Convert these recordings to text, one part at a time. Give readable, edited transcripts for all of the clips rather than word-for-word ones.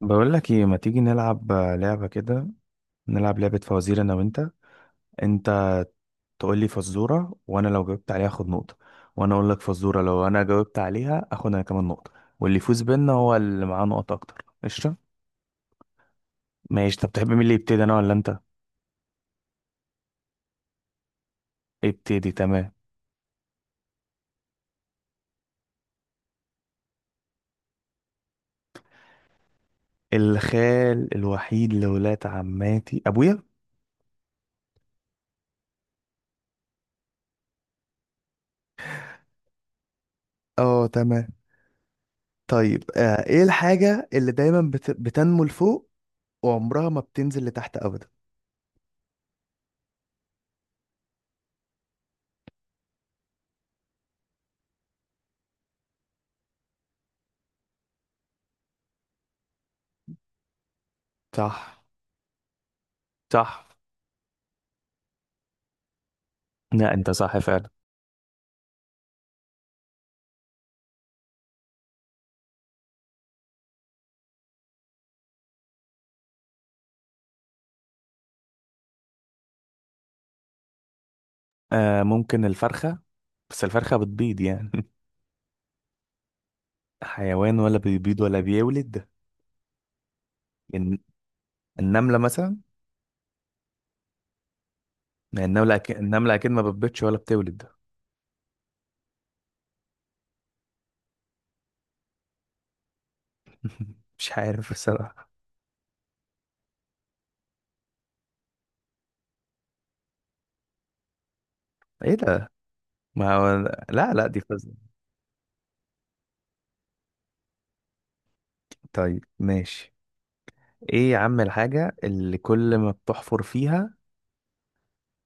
بقول لك ايه، ما تيجي نلعب لعبة كده؟ نلعب لعبة فوازير انا وانت. انت تقول لي فزورة، وانا لو جاوبت عليها اخد نقطة، وانا اقول لك فزورة لو انا جاوبت عليها اخد انا كمان نقطة، واللي يفوز بينا هو اللي معاه نقط اكتر، قشطة؟ ماشي. طب تحب مين اللي يبتدي، انا ولا انت؟ ابتدي، تمام. الخال الوحيد لولاد عماتي ابويا. اه، تمام. طيب، ايه الحاجة اللي دايما بتنمو لفوق وعمرها ما بتنزل لتحت ابدا؟ صح. صح. لا، انت صح فعلا. آه، ممكن الفرخة، بس الفرخة بتبيض يعني. حيوان ولا بيبيض ولا بيولد. الن- النملة مثلا، يعني النملة أكيد، النملة أكيد ما بتبيضش ولا بتولد. مش عارف بصراحة. ايه ده؟ ما هو، لا لا، دي فزة. طيب ماشي. ايه يا عم الحاجة اللي كل ما بتحفر فيها؟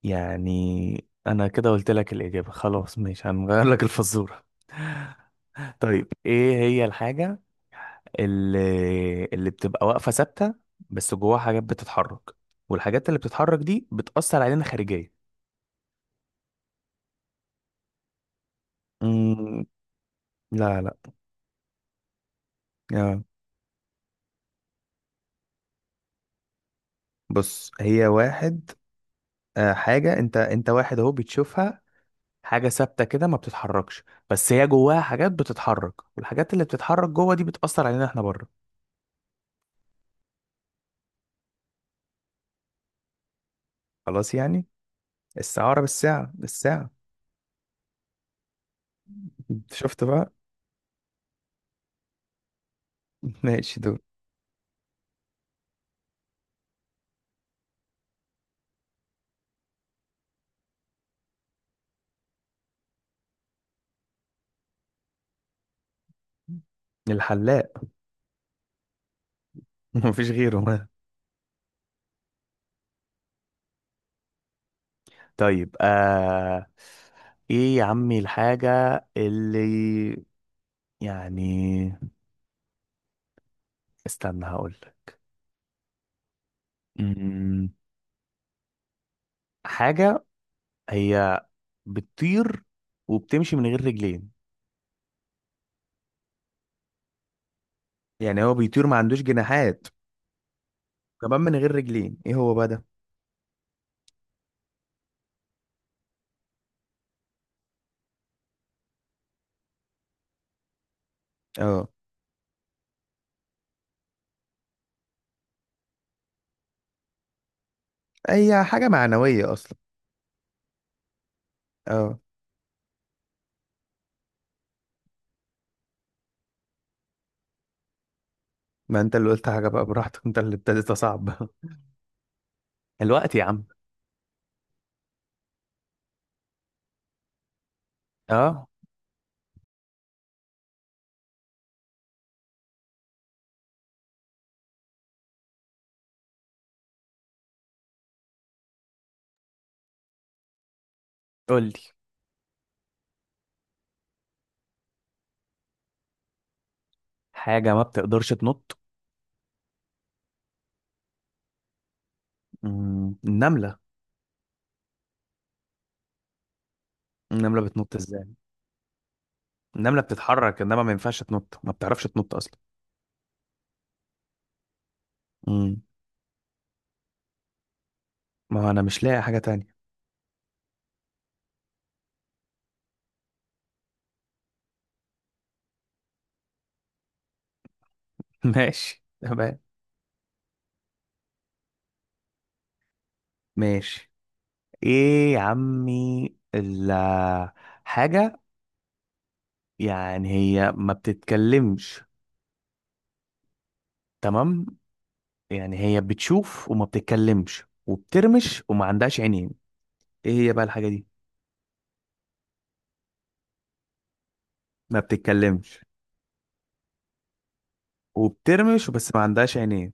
يعني انا كده قلت لك الإجابة، خلاص ماشي، هنغير لك الفزورة. طيب، ايه هي الحاجة اللي بتبقى واقفة ثابتة، بس جواها حاجات بتتحرك، والحاجات اللي بتتحرك دي بتأثر علينا خارجيا؟ مم، لا لا. يا بص، هي واحد. آه، حاجة، انت واحد اهو بتشوفها. حاجة ثابتة كده ما بتتحركش، بس هي جواها حاجات بتتحرك، والحاجات اللي بتتحرك جوه دي بتأثر علينا احنا بره. خلاص يعني، السعارة بالساعة الساعة. شفت بقى؟ ماشي، دول. الحلاق. مفيش غيره. طيب، ايه يا عمي الحاجة اللي يعني استنى هقول لك. مم، حاجة هي بتطير وبتمشي من غير رجلين. يعني هو بيطير ما عندوش جناحات، كمان من غير رجلين، ايه هو بقى ده؟ اه، هي حاجة معنوية اصلا. اه، ما انت اللي قلت حاجة بقى براحتك، انت اللي ابتديت صعب. الوقت يا عم. اه، قول لي. حاجة ما بتقدرش تنط. النملة. النملة بتنط ازاي؟ النملة بتتحرك، انما ما ينفعش تنط، ما بتعرفش تنط اصلا. امم. ما هو انا مش لاقي حاجة تانية. ماشي تمام. ماشي. ايه يا عمي حاجة، يعني هي ما بتتكلمش. تمام. يعني هي بتشوف وما بتتكلمش وبترمش وما عندهاش عينين، ايه هي بقى الحاجة دي؟ ما بتتكلمش وبترمش بس ما عندهاش عينين.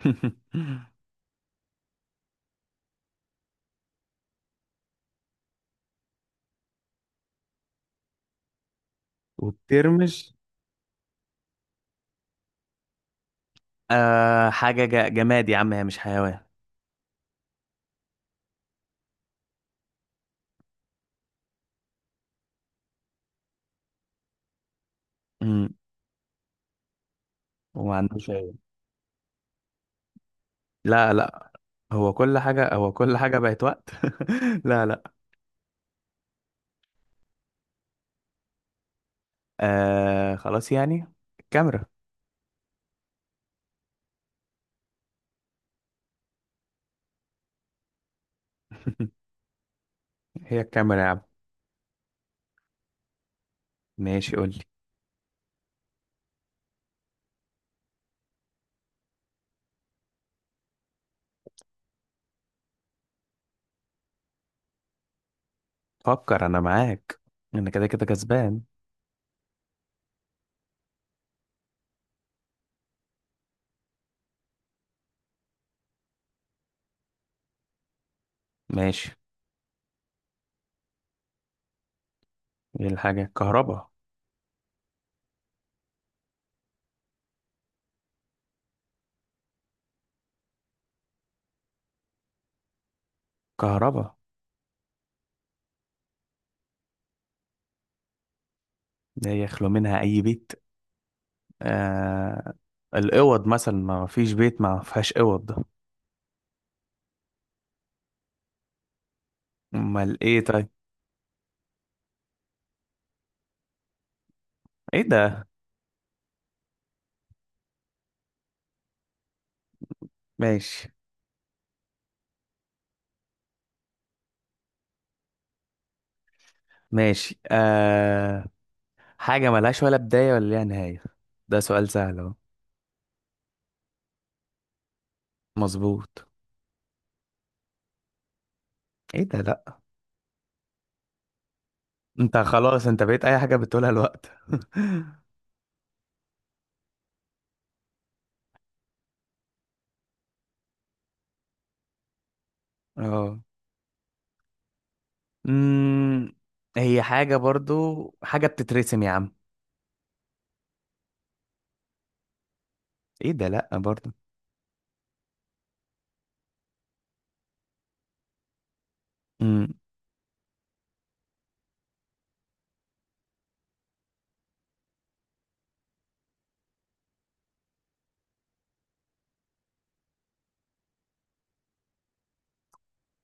وبترمش. آه، حاجة جماد يا عم، هي مش حيوان. امم وما عندوش عينين. لا لا، هو كل حاجة، بقت وقت. لا لا. خلاص يعني، الكاميرا. هي الكاميرا يا عم. ماشي قول لي. فكر، انا معاك. انا كده كده كسبان. ماشي. ايه الحاجة؟ كهربا. كهربا ده يخلو منها اي بيت؟ آه، الاوض مثلا، ما فيش بيت ما فيهاش اوض ده. امال ايه طيب؟ ايه ده! ماشي. ماشي، حاجة ملهاش ولا بداية ولا ليها نهاية. ده سؤال سهل اهو. مظبوط. ايه ده، لا. انت خلاص، انت بقيت اي حاجة بتقولها الوقت. اه. امم هي حاجة برضو، حاجة بتترسم يا عم. ايه ده، لا برضو. امم.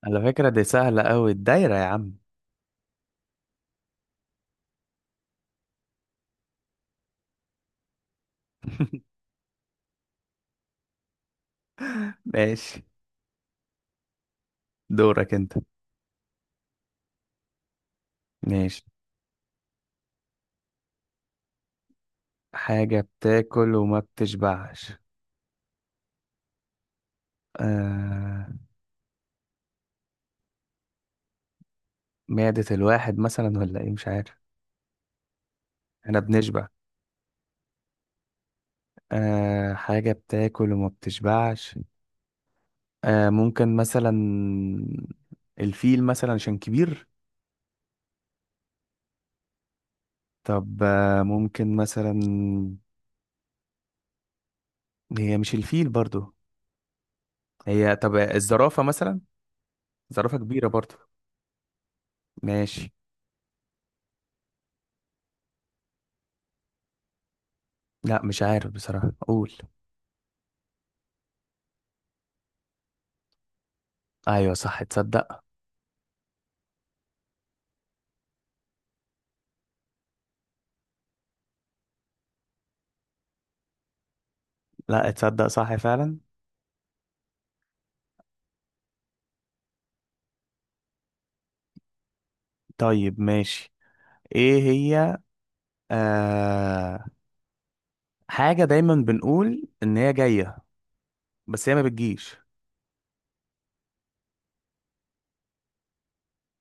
على فكرة دي سهلة قوي، الدايرة يا عم. ماشي. دورك انت. ماشي. حاجة بتاكل وما بتشبعش. آه... معدة الواحد مثلا، ولا ايه مش عارف. احنا بنشبع. حاجة بتاكل وما بتشبعش. ممكن مثلا الفيل مثلا عشان كبير. طب ممكن مثلا، هي مش الفيل برضو، هي طب الزرافة مثلا، زرافة كبيرة برضو. ماشي. لا مش عارف بصراحة، قول. ايوه صح، تصدق؟ لا تصدق، صح فعلا. طيب ماشي. ايه هي، آه حاجة دايما بنقول ان هي جاية بس هي ما بتجيش.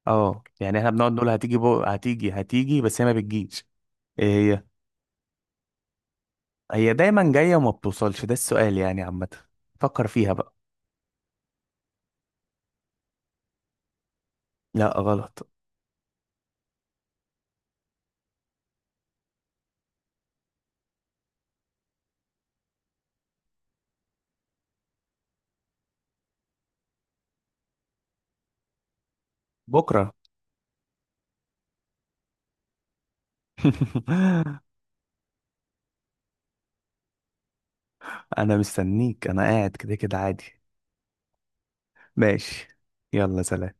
اه يعني احنا بنقعد نقول هتيجي هتيجي هتيجي بس هي ما بتجيش. ايه هي؟ هي دايما جاية وما بتوصلش، ده السؤال يعني عامة، فكر فيها بقى. لا غلط. بكرة. انا مستنيك، انا قاعد كده كده عادي. ماشي. يلا سلام.